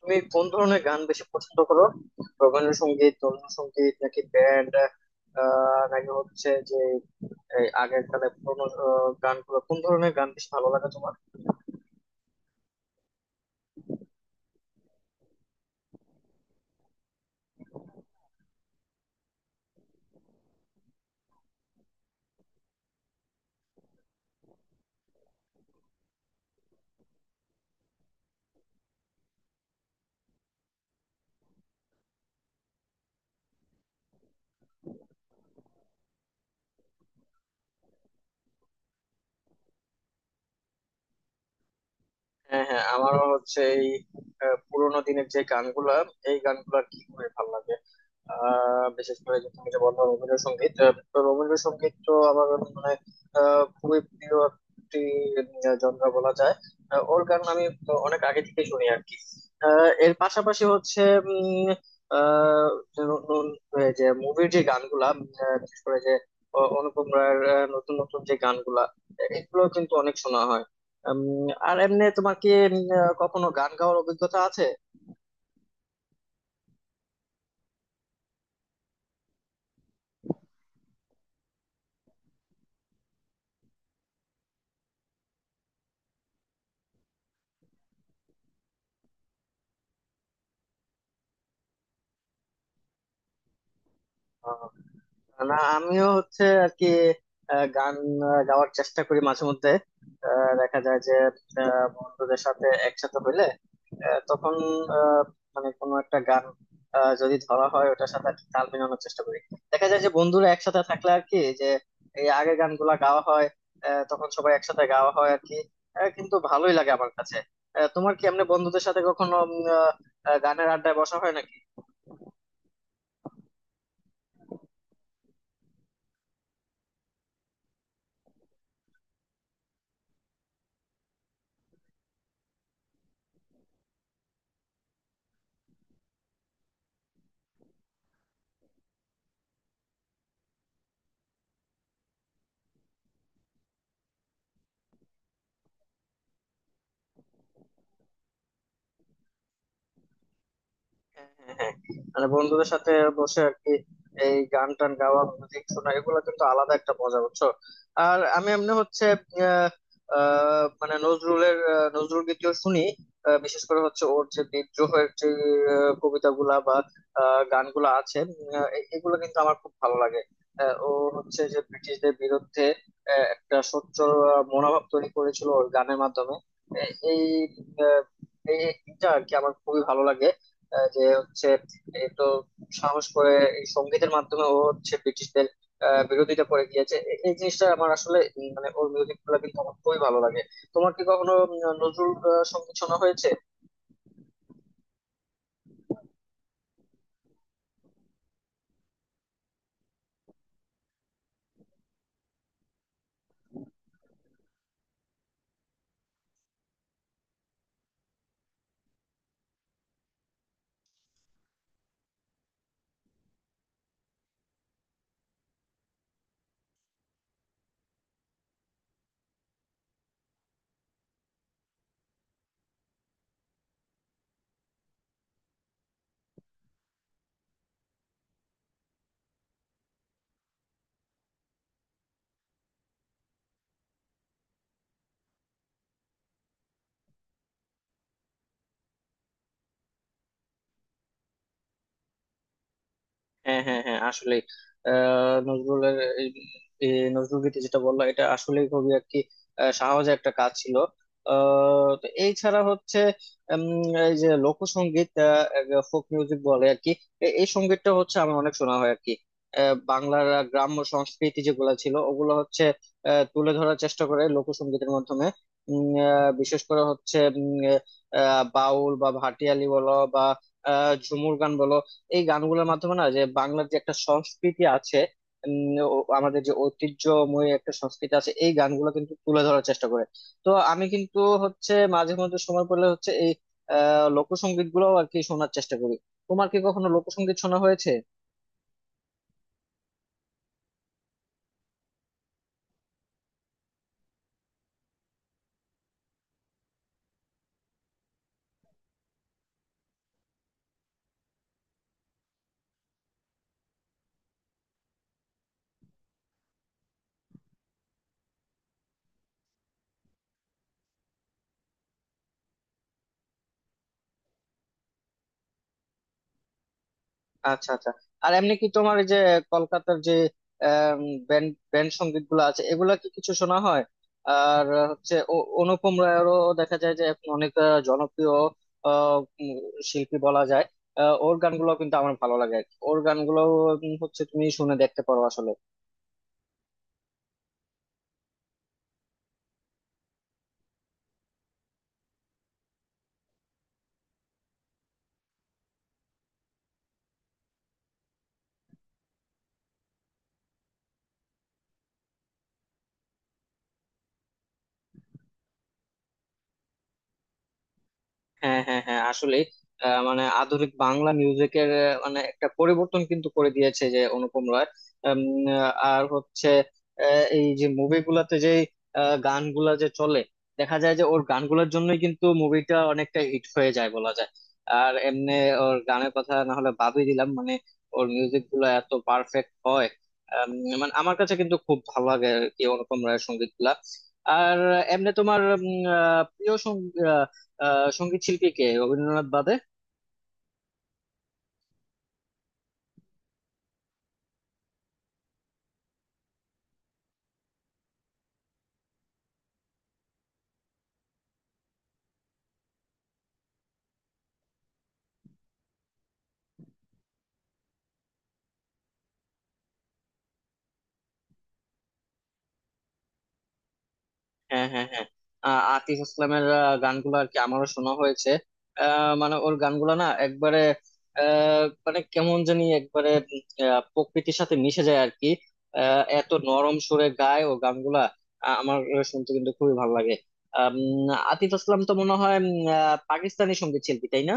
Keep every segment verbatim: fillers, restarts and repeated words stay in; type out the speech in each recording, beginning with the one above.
তুমি কোন ধরনের গান বেশি পছন্দ করো? রবীন্দ্রসঙ্গীত সঙ্গীত নাকি ব্যান্ড, নাকি হচ্ছে যে এই আগের কালে পুরোনো আহ, গানগুলো, কোন ধরনের গান বেশি ভালো লাগে তোমার? হ্যাঁ হ্যাঁ, আমারও হচ্ছে এই আহ, পুরোনো দিনের যে গানগুলা, এই গানগুলা কি করে ভালো লাগে। আহ বিশেষ করে যে তুমি যে বললো রবীন্দ্রসঙ্গীত, আহ, তো রবীন্দ্রসঙ্গীত তো আমার মানে আহ, খুবই প্রিয় একটি জনরা বলা যায়। আহ, ওর গান আমি তো অনেক আগে থেকে শুনি আর কি। আহ, এর পাশাপাশি হচ্ছে উম, আহ, যে নতুন, আহ, যে মুভির যে গানগুলা, আহ, বিশেষ করে যে আহ, অনুপম রায়ের আহ, নতুন নতুন যে গানগুলা, এগুলো কিন্তু অনেক শোনা হয়। উম, আর এমনি তোমার কি উম, আহ, কখনো গান গাওয়ার অভিজ্ঞতা আছে? আহ, না আমিও হচ্ছে আর কি আহ, গান আহ, গাওয়ার চেষ্টা করি মাঝে মধ্যে। আহ, দেখা যায় যে আহ, বন্ধুদের সাথে একসাথে হইলে আহ, তখন আহ, মানে কোনো একটা গান আহ, যদি ধরা হয় ওটার সাথে আর কি তাল মেলানোর চেষ্টা করি। দেখা যায় যে বন্ধুরা একসাথে থাকলে আর কি, যে এই আগে গানগুলা গাওয়া হয়, আহ, তখন সবাই একসাথে গাওয়া হয় আর কি। আহ, কিন্তু ভালোই লাগে আমার কাছে। আহ, তোমার কি এমনি বন্ধুদের সাথে কখনো উম, আহ, আহ, গানের আড্ডায় বসা হয় নাকি? হ্যাঁ হ্যাঁ হ্যাঁ, মানে বন্ধুদের সাথে বসে আর কি এই গান টান গাওয়া, মিউজিক শোনা, এগুলো কিন্তু আলাদা একটা মজা, বুঝছো? আর আমি এমনি হচ্ছে আহ, আহ, মানে নজরুলের আহ, নজরুল গীতিও শুনি। আহ, বিশেষ করে হচ্ছে ওর যে বিদ্রোহের যে আহ, কবিতাগুলা বা আহ, গানগুলা আছে, উম, আহ, এ- এগুলো কিন্তু আমার খুব ভালো লাগে। আহ, ও হচ্ছে যে ব্রিটিশদের বিরুদ্ধে আহ, একটা সোচ্চার আহ, মনোভাব তৈরি করেছিল ওর গানের মাধ্যমে। এ- এই আহ, এই- এইটা আর কি আমার খুবই ভালো লাগে। আহ যে হচ্ছে একটু সাহস করে এই সঙ্গীতের মাধ্যমে ও হচ্ছে ব্রিটিশদের আহ, বিরোধিতা করে গিয়েছে, এ- এই জিনিসটা আমার আসলে উম, মানে ওর মিউজিক গুলো কিন্তু আমার খুবই ভালো লাগে। তোমার কি কখনো উম, নজরুল আহ, সঙ্গীত শোনা হয়েছে? হ্যাঁ হ্যাঁ হ্যাঁ, আসলে নজরুলের এই এই নজরুল গীতি যেটা বললো, এটা আসলে খুবই আর কি আহ, সাহসের একটা কাজ ছিল। আহ, তো এই ছাড়া হচ্ছে উম, এই যে লোকসঙ্গীত, ফোক মিউজিক বলে আর কি, এ- এই সঙ্গীতটা হচ্ছে আমার অনেক শোনা হয় আর কি। আহ, বাংলার আহ, গ্রাম্য সংস্কৃতি যেগুলো ছিল, ওগুলো হচ্ছে আহ, তুলে ধরার চেষ্টা করে লোকসঙ্গীতের মাধ্যমে। উম, আহ, বিশেষ করে হচ্ছে উম, আহ, বাউল বা ভাটিয়ালি বলো বা আহ, ঝুমুর গান বলো, এই গানগুলোর মাধ্যমে না, যে বাংলার যে একটা সংস্কৃতি আছে, উম, ও- আমাদের যে ঐতিহ্যময় একটা সংস্কৃতি আছে, এই গানগুলো কিন্তু তুলে ধরার চেষ্টা করে। তো আমি কিন্তু হচ্ছে মাঝে মধ্যে সময় পেলে হচ্ছে এই আহ লোকসঙ্গীত গুলো আর কি শোনার চেষ্টা করি। তোমার কি কখনো লোকসঙ্গীত শোনা হয়েছে? আচ্ছা আচ্ছা। আর এমনি কি তোমার এই যে কলকাতার যে ব্যান্ড ব্যান্ড সঙ্গীত গুলো আছে, এগুলা কি কিছু শোনা হয়? আর আহ, হচ্ছে অ- অনুপম রায়েরও দেখা যায় যে এখন অনেক আহ, জনপ্রিয় আহ, উম, শিল্পী বলা যায়। আহ, ওর গানগুলো কিন্তু আমার ভালো লাগে আর কি। ওর গানগুলো উম, হচ্ছে তুমি শুনে দেখতে পারো আসলে। হ্যাঁ হ্যাঁ হ্যাঁ, আসলে আহ, মানে আধুনিক বাংলা মিউজিকের আহ, মানে একটা পরিবর্তন কিন্তু করে দিয়েছে যে অনুপম রায়। উম, আহ, আর হচ্ছে আহ, এই যে মুভিগুলাতে যে আহ, গানগুলা যে চলে, দেখা যায় যে ওর গানগুলোর জন্যই কিন্তু মুভিটা অনেকটা হিট হয়ে যায় বলা যায়। আর এমনি ওর গানের কথা না হলে বাদই দিলাম, মানে ওর মিউজিক গুলা এত পারফেক্ট হয়। আম, মানে আমার কাছে কিন্তু খুব ভালো লাগে আর কি অনুপম রায়ের সঙ্গীত গুলা। আর এমনি তোমার উম, আহ, প্রিয় সঙ্গীত আহ সঙ্গীত শিল্পী কে রবীন্দ্রনাথ বাদে? হ্যাঁ হ্যাঁ হ্যাঁ, আহ, আতিফ আসলামের আহ, গানগুলো আর কি আমারও শোনা হয়েছে। আহ, মানে ওর গানগুলো না একবারে আহ, মানে কেমন জানি একবারে আহ, প্রকৃতির সাথে মিশে যায় আর কি। আহ, এত নরম সুরে গায় ও গানগুলা, আ- আমার শুনতে কিন্তু খুবই ভালো লাগে। আম, আতিফ আসলাম তো মনে হয় উম, আহ, পাকিস্তানি সঙ্গীত শিল্পী, তাই না?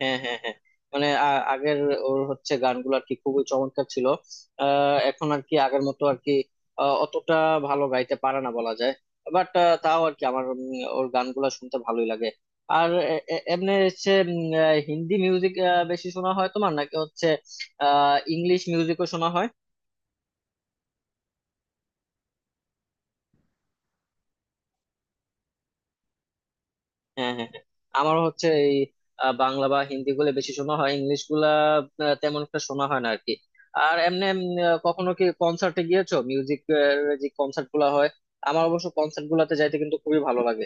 হ্যাঁ হ্যাঁ হ্যাঁ, মানে আ- আগের ওর হচ্ছে গানগুলো আর কি খুবই চমৎকার ছিল। আহ, এখন আর কি আগের মতো আর কি আহ, অতটা ভালো গাইতে পারে না বলা যায়। বাট তাও আর কি আমার উম, ওর গানগুলো শুনতে ভালোই লাগে। আর এ- এ- এমনি হচ্ছে উম, আহ, হিন্দি মিউজিক বেশি শোনা হয় তোমার, নাকি হচ্ছে আহ ইংলিশ মিউজিকও শোনা হয়? হ্যাঁ হ্যাঁ হ্যাঁ। আমারও হচ্ছে এই আহ, বাংলা বা হিন্দি গুলো বেশি শোনা হয়, ইংলিশ গুলা আহ, তেমন একটা শোনা হয় না আর কি। আর এমনি উম, আহ, কখনো কি কনসার্টে গিয়েছো, মিউজিক যে কনসার্ট গুলা হয়? আমার অবশ্য কনসার্ট গুলাতে যাইতে কিন্তু খুবই ভালো লাগে।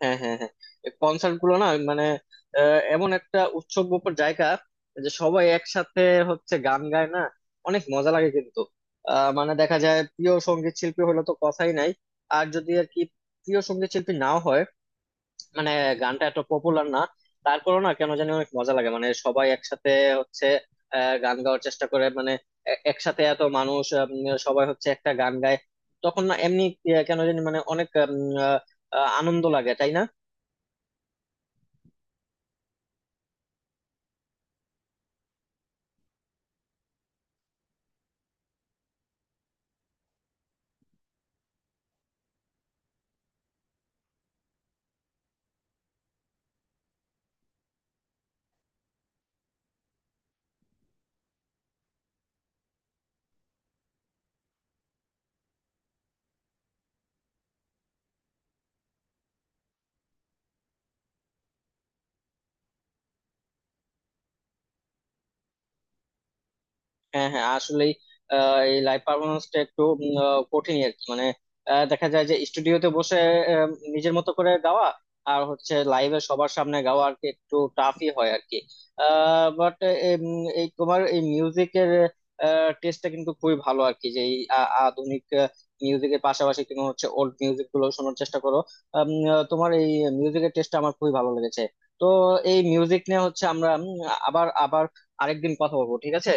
হ্যাঁ হ্যাঁ হ্যাঁ, কনসার্ট গুলো না মানে আহ, এমন একটা উৎসব মুখর জায়গা, যে সবাই একসাথে হচ্ছে গান গায় না, অনেক মজা লাগে কিন্তু। আহ, মানে দেখা যায় প্রিয় সঙ্গীত শিল্পী হলে তো কথাই নাই, আর যদি আর কি প্রিয় সঙ্গীত শিল্পী নাও হয়, মানে গানটা এত পপুলার না, তারপরেও না কেন জানি অনেক মজা লাগে। মানে সবাই একসাথে হচ্ছে আহ, গান গাওয়ার চেষ্টা করে মানে, এ- একসাথে এত মানুষ আহ, উম, সবাই হচ্ছে একটা গান গায়, তখন না এমনি আহ, কেন জানি মানে অনেক উম, আহ, আহ, আনন্দ লাগে, তাই না? হ্যাঁ হ্যাঁ, আসলেই আহ, এই লাইভ পারফরমেন্সটা একটু উম, আহ, কঠিনই আর কি, মানে আহ, দেখা যায় যে স্টুডিওতে বসে আহ, নিজের মতো করে গাওয়া আর হচ্ছে লাইভে সবার সামনে গাওয়া আর কি একটু টাফই হয় আর কি। বাট এই তোমার এই মিউজিকের টেস্টটা কিন্তু খুবই ভালো আর কি, যে এই আ- আধুনিক মিউজিকের পাশাপাশি তুমি হচ্ছে ওল্ড মিউজিক গুলো শোনার চেষ্টা করো। আম, আহ, তোমার এই মিউজিকের টেস্টটা আমার খুবই ভালো লেগেছে। তো এই মিউজিক নিয়ে হচ্ছে আমরা উম, আবার আবার আরেকদিন কথা বলবো, ঠিক আছে?